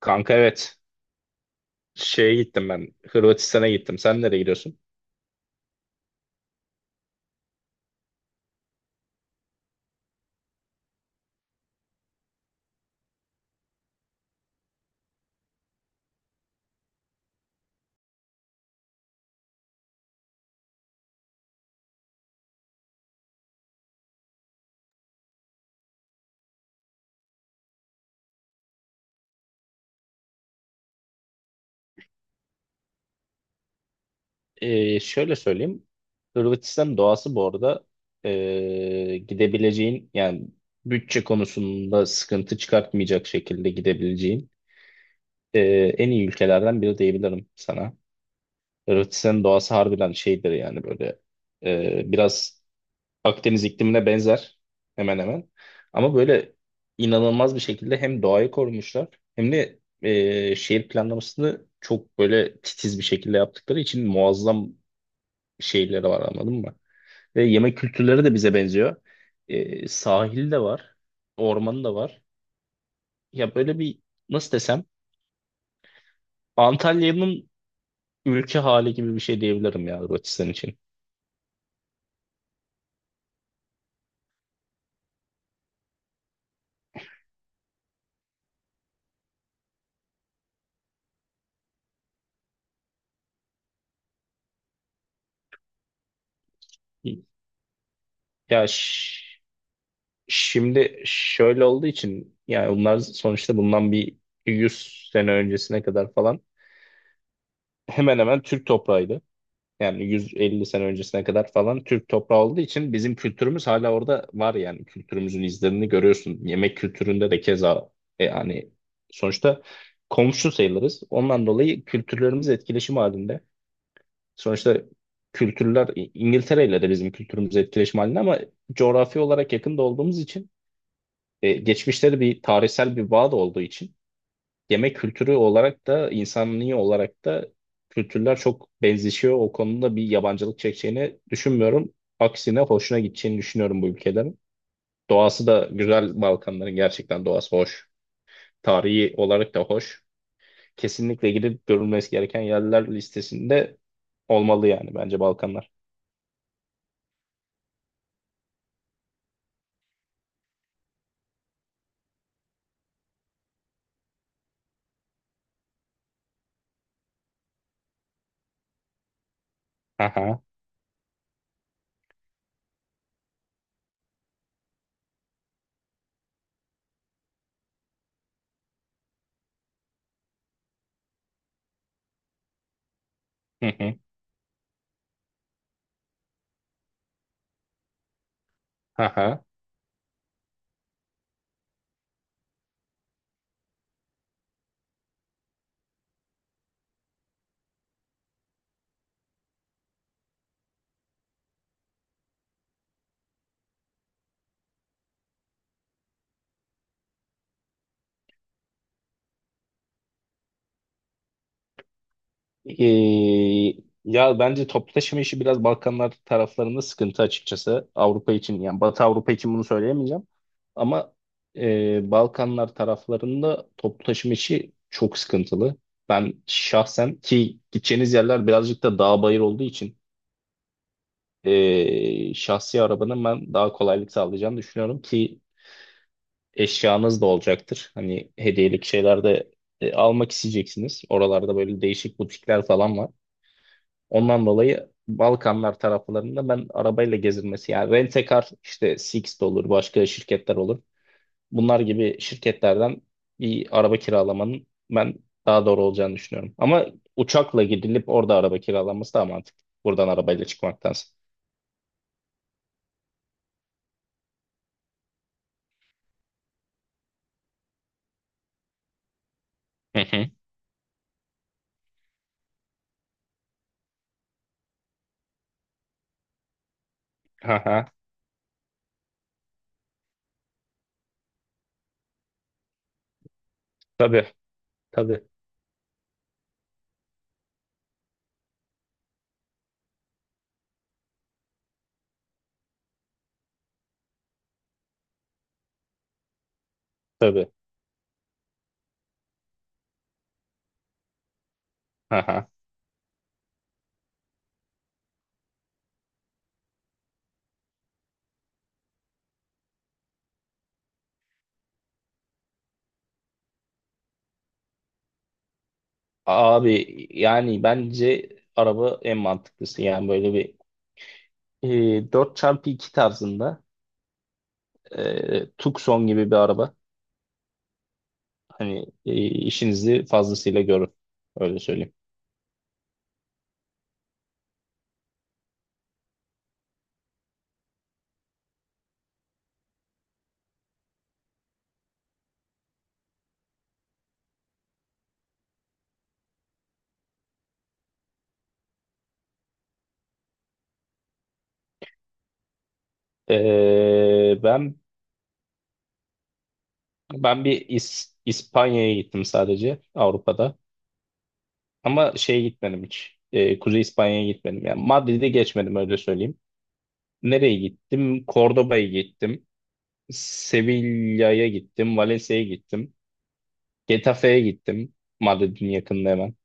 Kanka evet. Şeye gittim ben. Hırvatistan'a gittim. Sen nereye gidiyorsun? Şöyle söyleyeyim. Hırvatistan doğası bu arada, gidebileceğin yani bütçe konusunda sıkıntı çıkartmayacak şekilde gidebileceğin ee, en iyi ülkelerden biri diyebilirim sana. Hırvatistan'ın doğası harbiden şeydir yani böyle biraz Akdeniz iklimine benzer hemen hemen. Ama böyle inanılmaz bir şekilde hem doğayı korumuşlar, hem de şehir planlamasını çok böyle titiz bir şekilde yaptıkları için muazzam şehirleri var, anladın mı? Ve yemek kültürleri de bize benziyor. Sahil de var, ormanı da var. Ya böyle bir, nasıl desem, Antalya'nın ülke hali gibi bir şey diyebilirim ya Hırvatistan için. Ya ş- Şimdi şöyle olduğu için, yani bunlar sonuçta bundan bir 100 sene öncesine kadar falan hemen hemen Türk toprağıydı. Yani 150 sene öncesine kadar falan Türk toprağı olduğu için bizim kültürümüz hala orada var, yani kültürümüzün izlerini görüyorsun. Yemek kültüründe de keza yani sonuçta komşu sayılırız. Ondan dolayı kültürlerimiz etkileşim halinde. Sonuçta kültürler, İngiltere ile de bizim kültürümüz etkileşim halinde, ama coğrafi olarak yakında olduğumuz için, geçmişte de bir tarihsel bir bağ da olduğu için, yemek kültürü olarak da insanlığı olarak da kültürler çok benzişiyor. O konuda bir yabancılık çekeceğini düşünmüyorum. Aksine hoşuna gideceğini düşünüyorum bu ülkelerin. Doğası da güzel, Balkanların gerçekten doğası hoş. Tarihi olarak da hoş. Kesinlikle gidip görülmesi gereken yerler listesinde olmalı yani, bence, Balkanlar. Aha. Hı hı. Aha. Ee, Ya bence toplu taşıma işi biraz Balkanlar taraflarında sıkıntı, açıkçası. Avrupa için, yani Batı Avrupa için bunu söyleyemeyeceğim. Ama Balkanlar taraflarında toplu taşıma işi çok sıkıntılı. Ben şahsen, ki gideceğiniz yerler birazcık da dağ bayır olduğu için, şahsi arabanın ben daha kolaylık sağlayacağını düşünüyorum, ki eşyanız da olacaktır. Hani hediyelik şeyler de almak isteyeceksiniz. Oralarda böyle değişik butikler falan var. Ondan dolayı Balkanlar taraflarında ben arabayla gezilmesi, yani Rent-A-Car, işte Sixt olur, başka şirketler olur. Bunlar gibi şirketlerden bir araba kiralamanın ben daha doğru olacağını düşünüyorum. Ama uçakla gidilip orada araba kiralanması daha mantıklı, buradan arabayla çıkmaktansa. Hı hı. Haha. Tabii. Tabii. Tabii. Haha. Abi yani bence araba en mantıklısı. Yani böyle bir, 4x2 tarzında, Tucson gibi bir araba. Hani işinizi fazlasıyla görün. Öyle söyleyeyim. Ee, ben ben bir İspanya'ya gittim sadece Avrupa'da. Ama şeye gitmedim hiç. Kuzey İspanya'ya gitmedim. Yani Madrid'e geçmedim, öyle söyleyeyim. Nereye gittim? Cordoba'ya gittim. Sevilla'ya gittim. Valencia'ya gittim. Getafe'ye gittim. Madrid'in yakınında hemen.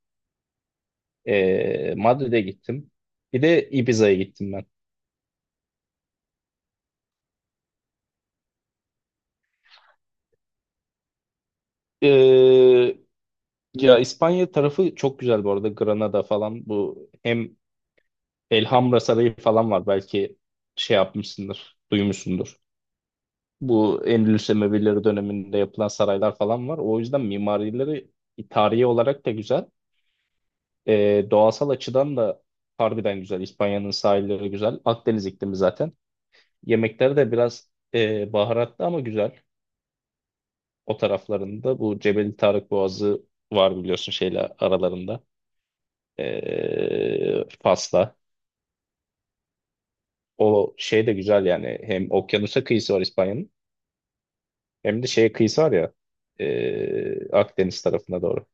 Madrid'e gittim. Bir de Ibiza'ya gittim ben. Ee, Ya İspanya tarafı çok güzel bu arada. Granada falan, bu hem Elhamra Sarayı falan var. Belki şey yapmışsındır, duymuşsundur. Bu Endülüs Emevileri döneminde yapılan saraylar falan var. O yüzden mimarileri tarihi olarak da güzel. Doğasal açıdan da harbiden güzel. İspanya'nın sahilleri güzel. Akdeniz iklimi zaten. Yemekleri de biraz baharatlı ama güzel. O taraflarında bu Cebeli Tarık Boğazı var, biliyorsun, şeyle aralarında. Fas'la. O şey de güzel yani. Hem okyanusa kıyısı var İspanya'nın, hem de şeye kıyısı var ya, Akdeniz tarafına doğru.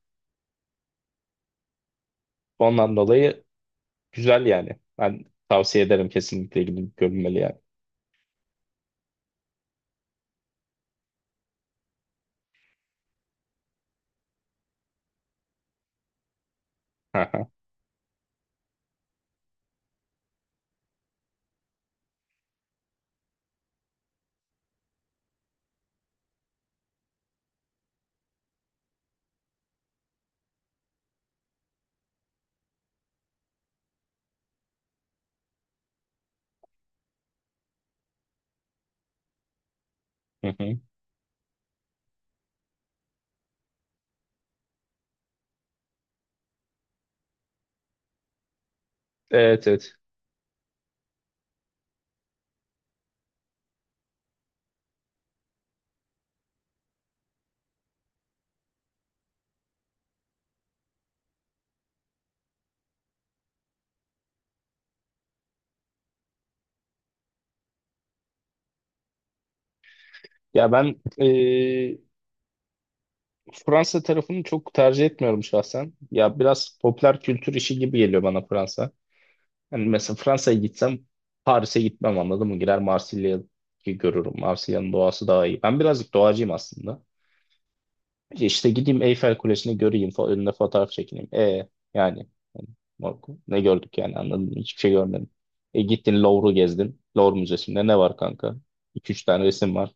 Ondan dolayı güzel yani. Ben tavsiye ederim, kesinlikle gidip görünmeli yani. Aha, hı hı. Evet evet. Ya ben Fransa tarafını çok tercih etmiyorum şahsen. Ya biraz popüler kültür işi gibi geliyor bana Fransa. Yani mesela Fransa'ya gitsem, Paris'e gitmem, anladın mı? Girer Marsilya'yı görürüm. Marsilya'nın doğası daha iyi. Ben birazcık doğacıyım aslında. İşte gideyim, Eyfel Kulesi'ni göreyim, fa önüne fotoğraf çekineyim. Yani Marco, ne gördük yani, anladın mı? Hiçbir şey görmedim. E gittin Louvre'u gezdin. Louvre Müzesi'nde ne var kanka? 2 üç tane resim var.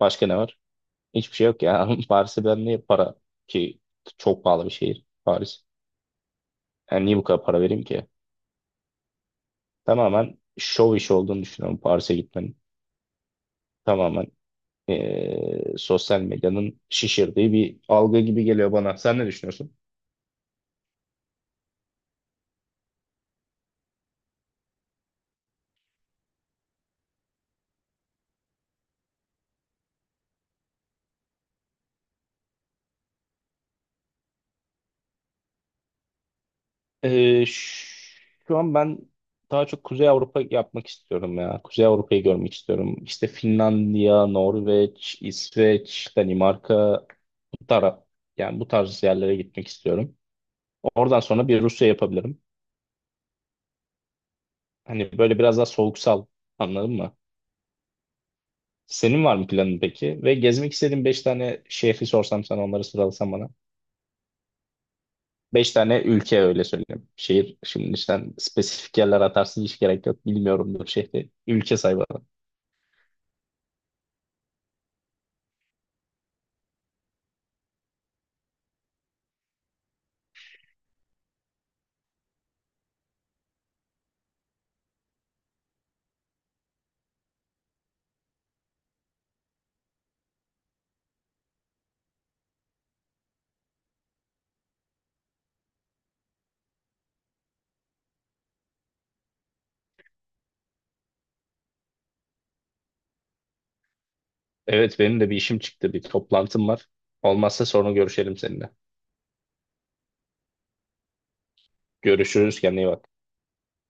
Başka ne var? Hiçbir şey yok ya. Paris'e ben niye para ki, çok pahalı bir şehir Paris. Yani niye bu kadar para vereyim ki? Tamamen şov işi olduğunu düşünüyorum Paris'e gitmenin. Tamamen sosyal medyanın şişirdiği bir algı gibi geliyor bana. Sen ne düşünüyorsun? E, ş- Şu an ben daha çok Kuzey Avrupa yapmak istiyorum ya. Kuzey Avrupa'yı görmek istiyorum. İşte Finlandiya, Norveç, İsveç, Danimarka, bu taraf, yani bu tarz yerlere gitmek istiyorum. Oradan sonra bir Rusya yapabilirim. Hani böyle biraz daha soğuksal, anladın mı? Senin var mı planın peki? Ve gezmek istediğin 5 tane şehri sorsam sana, onları sıralasam. Beş tane ülke, öyle söyleyeyim. Şehir, şimdi sen spesifik yerler atarsın, hiç gerek yok. Bilmiyorumdur şehri. Ülke say bana. Evet, benim de bir işim çıktı. Bir toplantım var. Olmazsa sonra görüşelim seninle. Görüşürüz, kendine iyi bak.